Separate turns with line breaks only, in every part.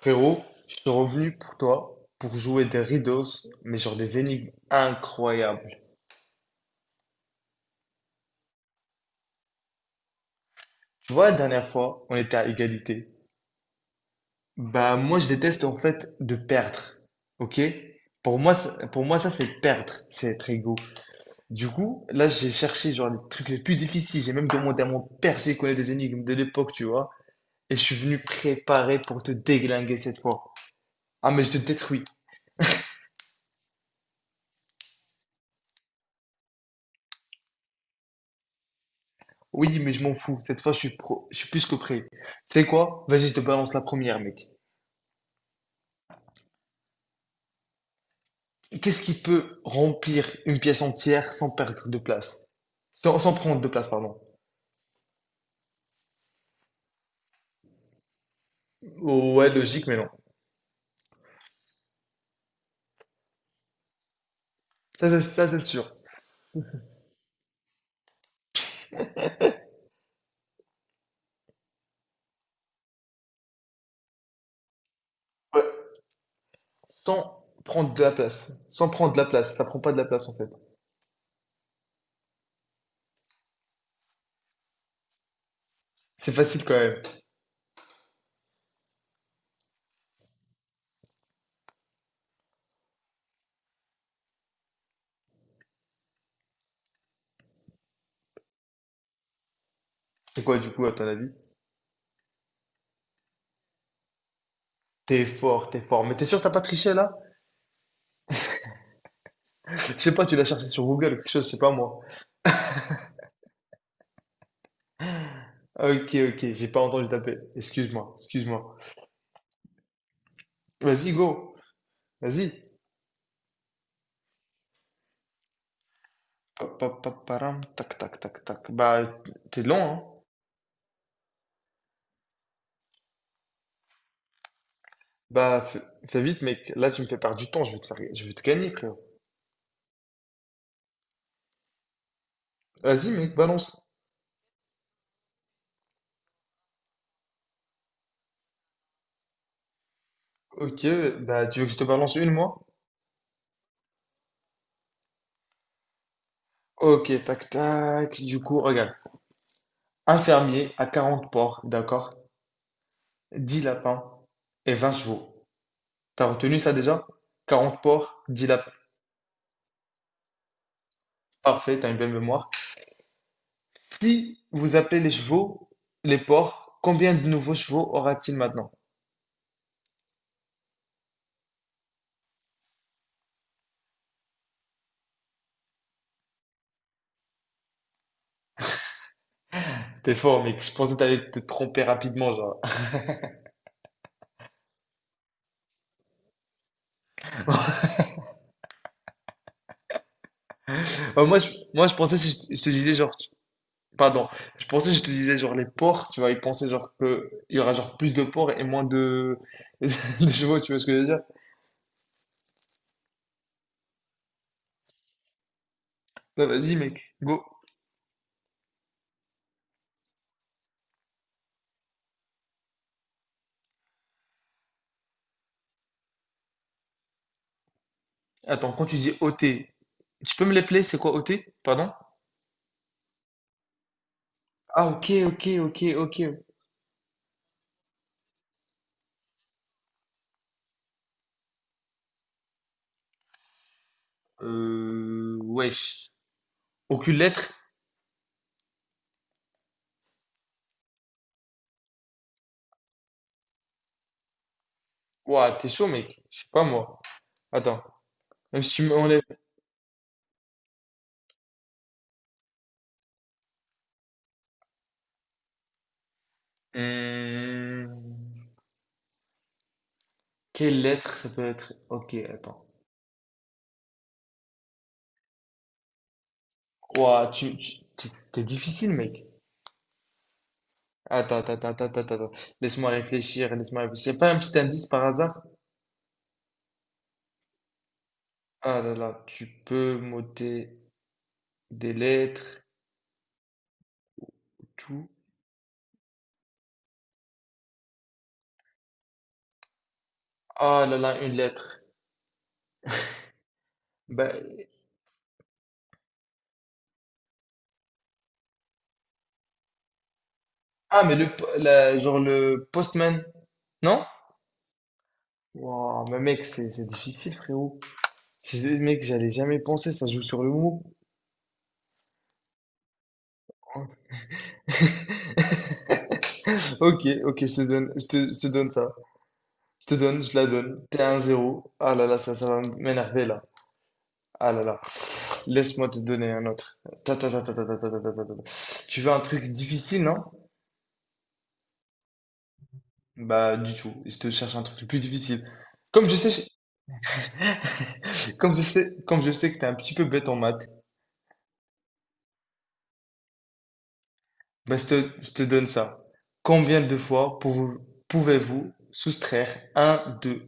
Frérot, je suis revenu pour toi pour jouer des riddles, mais genre des énigmes incroyables. Tu vois, la dernière fois, on était à égalité. Bah, moi, je déteste en fait de perdre. Ok? Pour moi, pour moi, ça, c'est perdre, c'est être égo. Du coup, là, j'ai cherché genre les trucs les plus difficiles. J'ai même demandé à mon père s'il connaît des énigmes de l'époque, tu vois. Et je suis venu préparé pour te déglinguer cette fois. Ah, mais je te détruis. Oui, mais je m'en fous. Cette fois, je suis pro, je suis plus que prêt. Tu sais quoi? Vas-y, je te balance la première, mec. Qu'est-ce qui peut remplir une pièce entière sans perdre de place? Sans prendre de place, pardon. Ouais, logique, mais non. Ça, c'est sûr. Ouais. Sans prendre de la place. Sans prendre de la place. Ça prend pas de la place, en fait. C'est facile quand même. C'est quoi, du coup, à ton avis? T'es fort, t'es fort. Mais t'es sûr que t'as pas triché, là? Je sais pas, tu l'as cherché sur Google ou quelque chose, je sais pas moi. Ok, ok, j'ai pas entendu taper. Excuse-moi, excuse-moi. Vas-y, go. Vas-y. Param, tac, tac, tac, tac. Bah, t'es long, hein? Bah, fais, fais vite, mec. Là, tu me fais perdre du temps. Je vais te gagner, frérot. Vas-y, mec, balance. Ok, bah, tu veux que je te balance une, moi? Ok, tac, tac. Du coup, regarde. Un fermier à 40 porcs, d'accord? 10 lapins et 20 chevaux. T'as retenu ça déjà? 40 porcs, 10 lapins. Parfait, t'as une belle mémoire. Si vous appelez les chevaux, les porcs, combien de nouveaux chevaux aura-t-il maintenant? T'es fort, mec. Je pensais que t'allais te tromper rapidement, genre. Moi, je, moi, je pensais si je te disais, genre, pardon, je pensais je te disais genre les porcs, tu vois, ils pensaient genre que il y aura genre plus de porcs et moins de, de chevaux, tu vois ce que je veux dire? Bah vas-y mec, go. Attends, quand tu dis OT, tu peux me l'appeler, c'est quoi OT? Pardon? Ah ok, ok, ok, ok. Wesh. Aucune lettre? Ouah, t'es chaud mec, je sais pas moi. Attends, même si tu m'enlèves... Hmm, quelle lettre ça peut être? Ok, attends. Ouah, t'es t'es difficile mec. Attends, attends, attends, attends, attends, attends. Laisse-moi réfléchir, laisse-moi réfléchir. Y a pas un petit indice par hasard? Ah là là, tu peux m'ôter des lettres, tout. Ah là là, une lettre. Ben, ah, mais genre le postman, non? Wow, mais mec, c'est difficile, frérot. Mec, j'allais jamais penser, ça joue sur le mot. Ok, ok, je te donne ça. Je te donne, je la donne. T'es à 1-0. Ah là là, ça va m'énerver là. Ah là là. Laisse-moi te donner un autre. Ta, ta, ta, ta, ta, ta, ta, ta, ta, ta, ta. Tu veux un truc difficile, non? Bah, du tout. Je te cherche un truc le plus difficile. Comme je sais, comme je sais que t'es un petit peu bête en maths, bah, je te donne ça. Combien de fois pouvez- pouvez-vous soustraire un de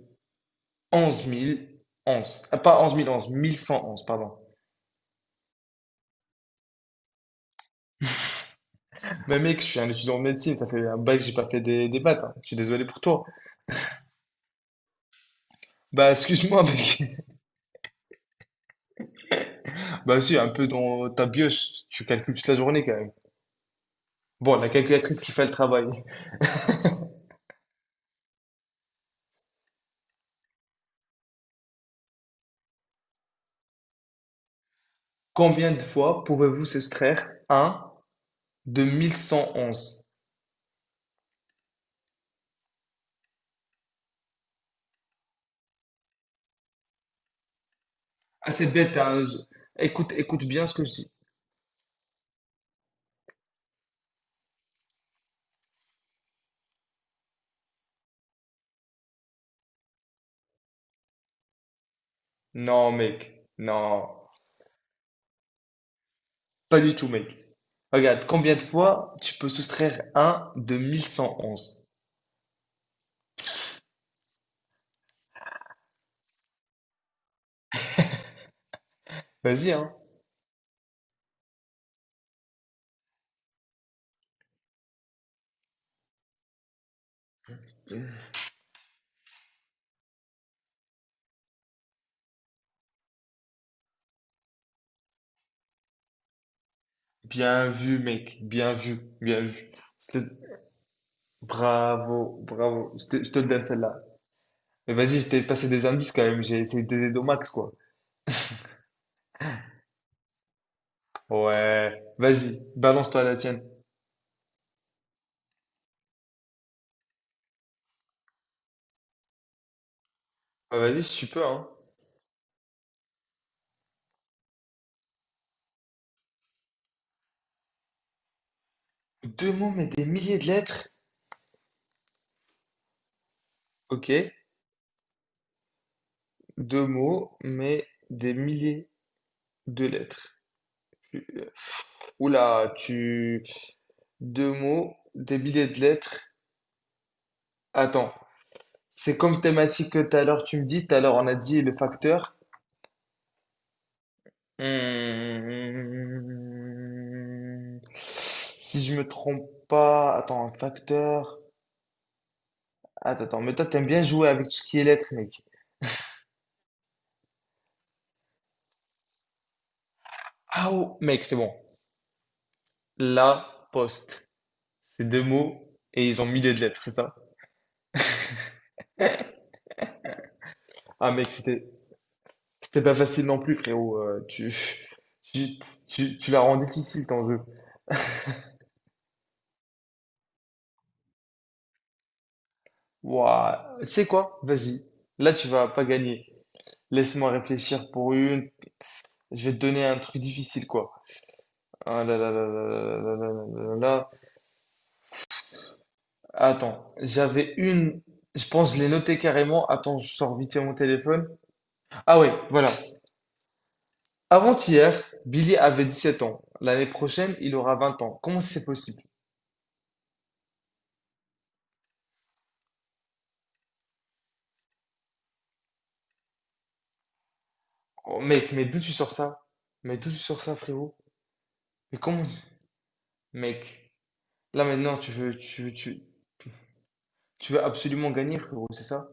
11 000 11? Ah, pas 11 000 11, 1111, pardon. Bah, mec, je suis un étudiant en médecine, ça fait un bail que j'ai pas fait des maths, hein. Je suis désolé pour toi. Bah, excuse-moi, mec. Bah, si, un peu dans ta bioche, tu calcules toute la journée quand même. Bon, la calculatrice qui fait le travail. Combien de fois pouvez-vous soustraire 1 de 1111? Ah, c'est bête, hein. Écoute, écoute bien ce que je dis. Non, mec. Non. Pas du tout, mec. Regarde, combien de fois tu peux soustraire 1 de 1111? Vas-y, hein. Bien vu, mec. Bien vu. Bien vu. Je te- Bravo, bravo. Je te le donne celle-là. Mais vas-y, je t'ai passé des indices quand même. J'ai essayé de t'aider au max, quoi. Ouais. Vas-y, balance-toi la tienne. Bah, vas-y, si tu peux, hein. Deux mots, mais des milliers de lettres. Ok. Deux mots, mais des milliers de lettres. Tu- euh, tu... Deux mots, des milliers de lettres. Attends. C'est comme thématique que tout à l'heure tu me dis. Tout à l'heure, on a dit le facteur. Hmm. Si je me trompe pas... Attends, un facteur... Attends, attends. Mais toi, t'aimes bien jouer avec tout ce qui est lettres, mec. Ah, oh, mec, c'est bon. La poste. C'est deux mots et ils ont mis les lettres, c'est ça? Ah mec, c'était pas facile non plus, frérot. Tu, tu la rends difficile ton jeu. Ouah, tu sais quoi? Vas-y. Là, tu vas pas gagner. Laisse-moi réfléchir pour une. Je vais te donner un truc difficile, quoi. Ah là là là là là là là là là là là. Attends, j'avais une. Je pense que je l'ai notée carrément. Attends, je sors vite fait mon téléphone. Ah ouais, voilà. Avant-hier, Billy avait 17 ans. L'année prochaine, il aura 20 ans. Comment c'est possible? Oh, mec, mais d'où tu sors ça? Mais d'où tu sors ça, frérot? Mais comment? Mec, là maintenant, tu veux absolument gagner, frérot, c'est ça?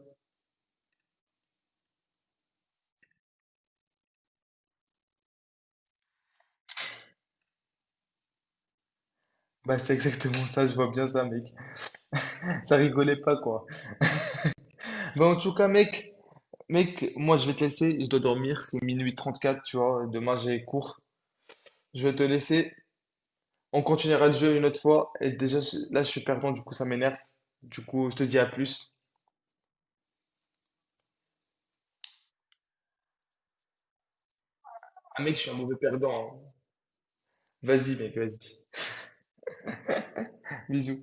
Bah, c'est exactement ça, je vois bien ça, mec. Ça rigolait pas, quoi. Bah, en tout cas, mec, moi, je vais te laisser, je dois dormir, c'est 0:34, tu vois, demain, j'ai cours. Je vais te laisser, on continuera le jeu une autre fois, et déjà, là, je suis perdant, du coup, ça m'énerve. Du coup, je te dis à plus. Ah, mec, je suis un mauvais perdant, hein. Vas-y, mec, vas-y. Bisous.